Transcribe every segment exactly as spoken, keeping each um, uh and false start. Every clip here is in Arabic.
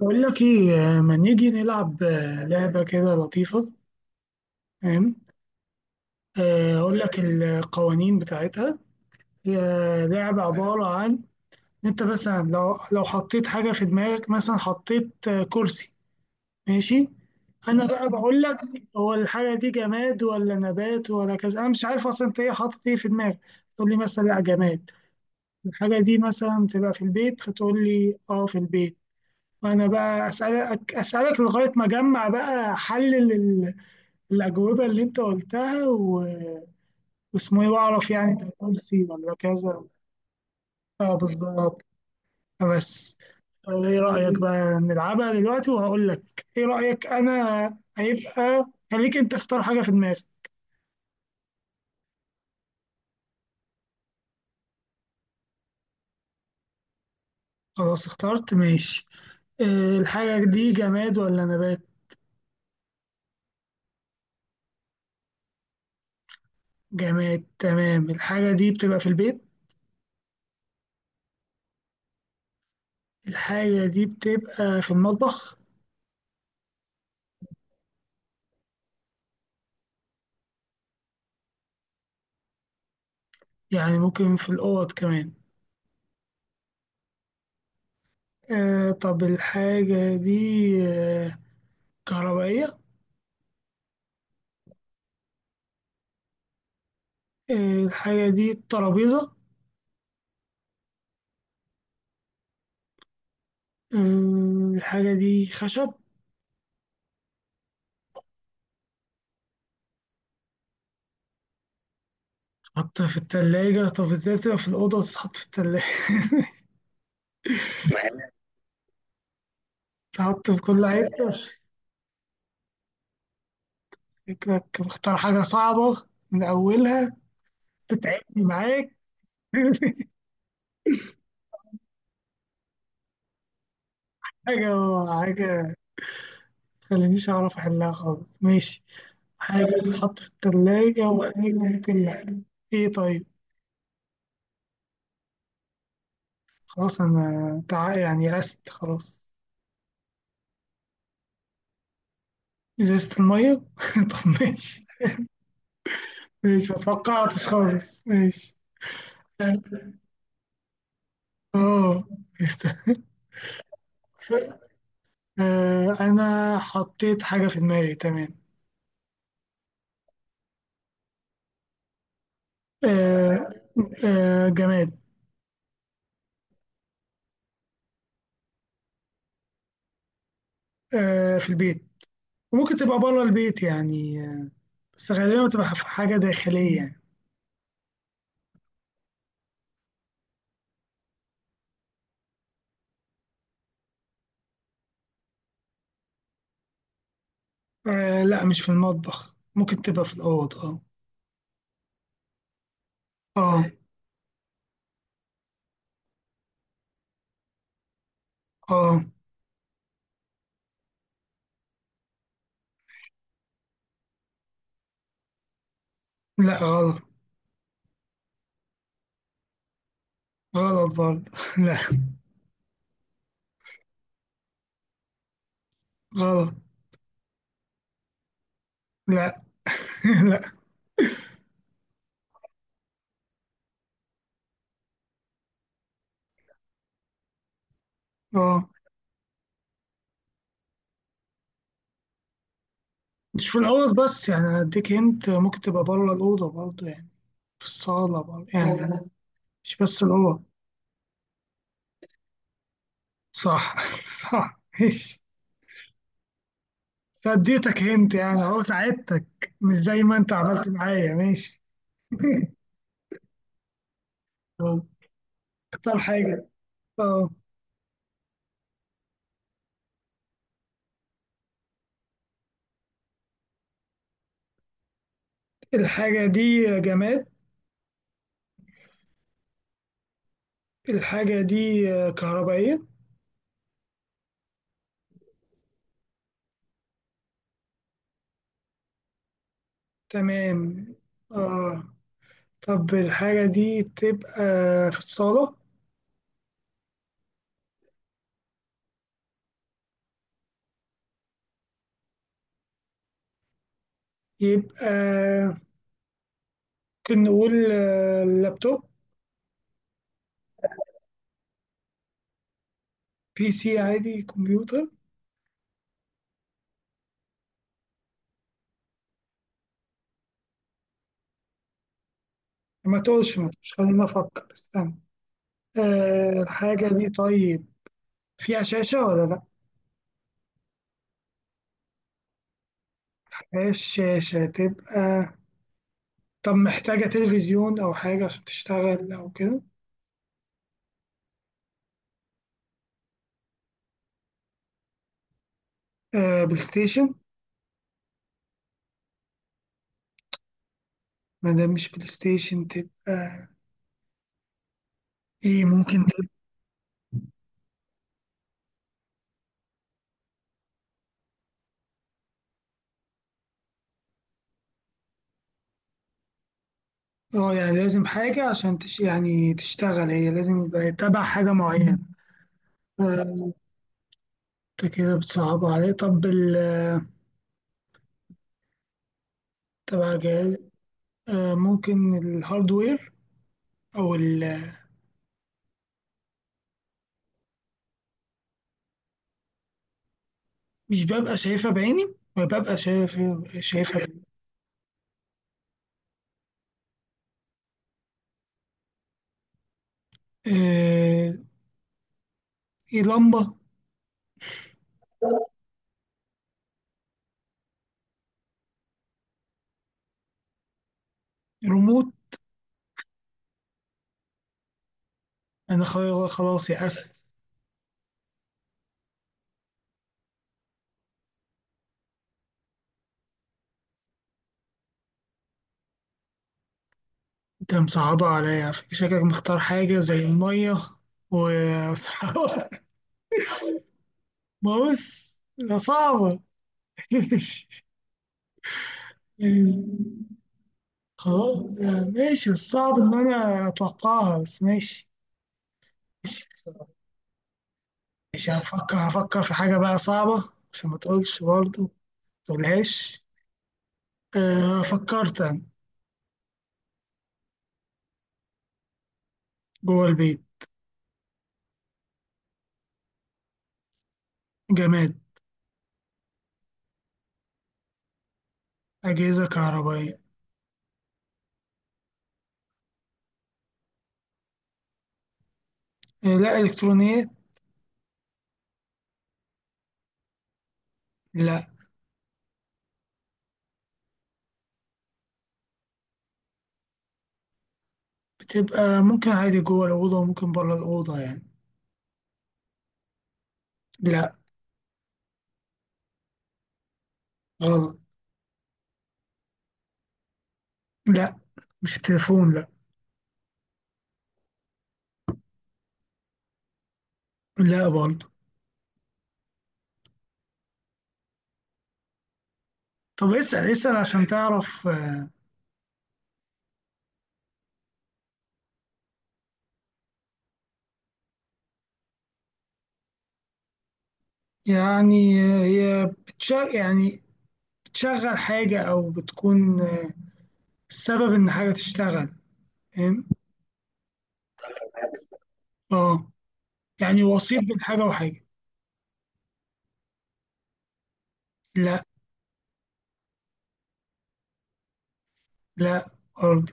بقول لك ايه ما نيجي نلعب آه، لعبة كده لطيفة. فاهم؟ آه، اقول لك القوانين بتاعتها. هي لعبة عبارة عن إن انت مثلا لو لو حطيت حاجة في دماغك، مثلا حطيت آه، كرسي. ماشي، انا بقى بقول لك هو الحاجة دي جماد ولا نبات ولا كذا، انا مش عارف اصلا انت ايه حاطط ايه في دماغك. تقول لي مثلا لا جماد، الحاجة دي مثلا تبقى في البيت، فتقول لي اه في البيت. وانا بقى اسالك اسالك لغاية ما اجمع بقى حل الأجوبة اللي أنت قلتها و... واسمه إيه وأعرف يعني ده كرسي ولا كذا. أه بالظبط. بس. طب إيه رأيك بقى نلعبها دلوقتي وهقول لك إيه رأيك. أنا هيبقى، خليك أنت اختار حاجة في دماغك. خلاص اخترت ماشي. آه، الحاجة دي جماد ولا نبات؟ جماد تمام. الحاجة دي بتبقى في البيت. الحاجة دي بتبقى في المطبخ. يعني ممكن في الأوض كمان. آه، طب الحاجة دي آه كهربائية؟ آه، الحاجة دي ترابيزة؟ آه، الحاجة دي خشب؟ تتحط في التلاجة؟ طب ازاي بتبقى في الأوضة وتتحط في التلاجة؟ تتحط في كل حتة؟ شكلك مختار حاجة صعبة من أولها، تتعبني معاك. حاجة حاجة مخلينيش أعرف أحلها خالص، ماشي. حاجة تتحط في التلاجة وأكيد ممكن لأ. إيه طيب. خلاص، أنا تع... يعني يأست خلاص. إزازة المية؟ طب ماشي. ماشي، ما توقعتش خالص، ماشي. اه. آه، انا حطيت حاجة في دماغي تمام. آه، آه، جماد. آه، في البيت، وممكن تبقى بره البيت يعني، آه، بس غالبا بتبقى في حاجة داخلية يعني. آه، لا مش في المطبخ، ممكن تبقى في الأوض، اه. اه. اه. لا غلط. غلط برضه. لا غلط. لا. لا. اه. مش في الأوض بس يعني، أديك هنت، ممكن تبقى بره الأوضة برضه يعني، في الصالة برضه يعني. مش بس اللي هو. صح. صح ماشي. فاديتك هنت يعني اهو، ساعدتك مش زي ما انت عملت معايا، ماشي. طب اختار حاجة. اه. الحاجة دي جماد. الحاجة دي كهربائية. تمام. اه. طب الحاجة دي بتبقى في الصالة. يبقى ممكن نقول آه، لابتوب؟ بي سي عادي؟ كمبيوتر؟ ما تقولش، ما تقولش، خليني افكر، استنى. آه الحاجة دي طيب فيها شاشة ولا لأ؟ مفيهاش شاشة تبقى. طب محتاجة تلفزيون أو حاجة عشان تشتغل أو كده؟ آه بلاي ستيشن؟ ما دام مش بلاي ستيشن تبقى إيه؟ ممكن تبقى. اه يعني لازم حاجة عشان تش... يعني تشتغل هي، لازم يبقى تبع حاجة معينة. آه، أنت كده بتصعب عليه. طب ال تبع جهاز. آه ممكن الهاردوير، أو ال... مش ببقى شايفها بعيني، ببقى شايف، شايفها بعيني. آه، في لمبة؟ ريموت؟ أنا خلاص خلاص يأست. أنت مصعبة عليا، شكلك مختار حاجة زي المية وصعبة. بص ده صعبة. خلاص ماشي، الصعب إن أنا أتوقعها بس، ماشي. ماشي. ماشي، هفكر، هفكر في حاجة بقى صعبة عشان ما تقولش برضه، ما تقولهاش. آه، فكرت أنا. جوه البيت. جماد. أجهزة كهربائية. آه، لا إلكترونيات. لا. بتبقى ممكن عادي جوه الأوضة وممكن بره الأوضة يعني. لا غلط. لا مش تليفون لا. لا برضه. طب اسأل، اسأل عشان تعرف آه، يعني. آه، هي بتشغل يعني، بتشغل حاجة أو بتكون آه، السبب إن حاجة تشتغل، فاهم؟ اه يعني وسيط بين حاجة وحاجة. لا. لا برضه.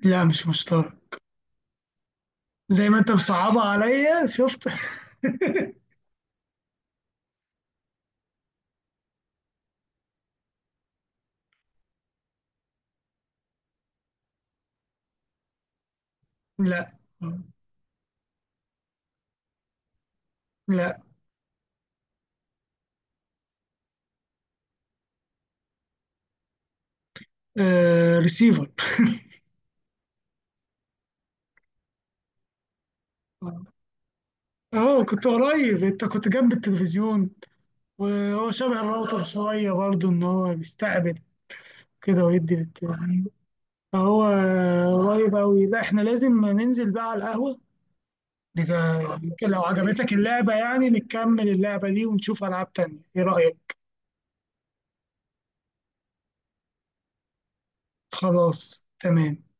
لا مش مشترك. زي ما أنت مصعبها عليا شفت. لا. لا. آه ريسيفر. اه كنت قريب، انت كنت جنب التلفزيون، وهو شبه الراوتر شوية برضه ان هو بيستقبل كده ويدي للتلفزيون، فهو قريب اوي. لا احنا لازم ننزل بقى على القهوة. نجا- يمكن لو عجبتك اللعبة يعني نكمل اللعبة دي ونشوف ألعاب تانية، ايه رأيك؟ خلاص تمام.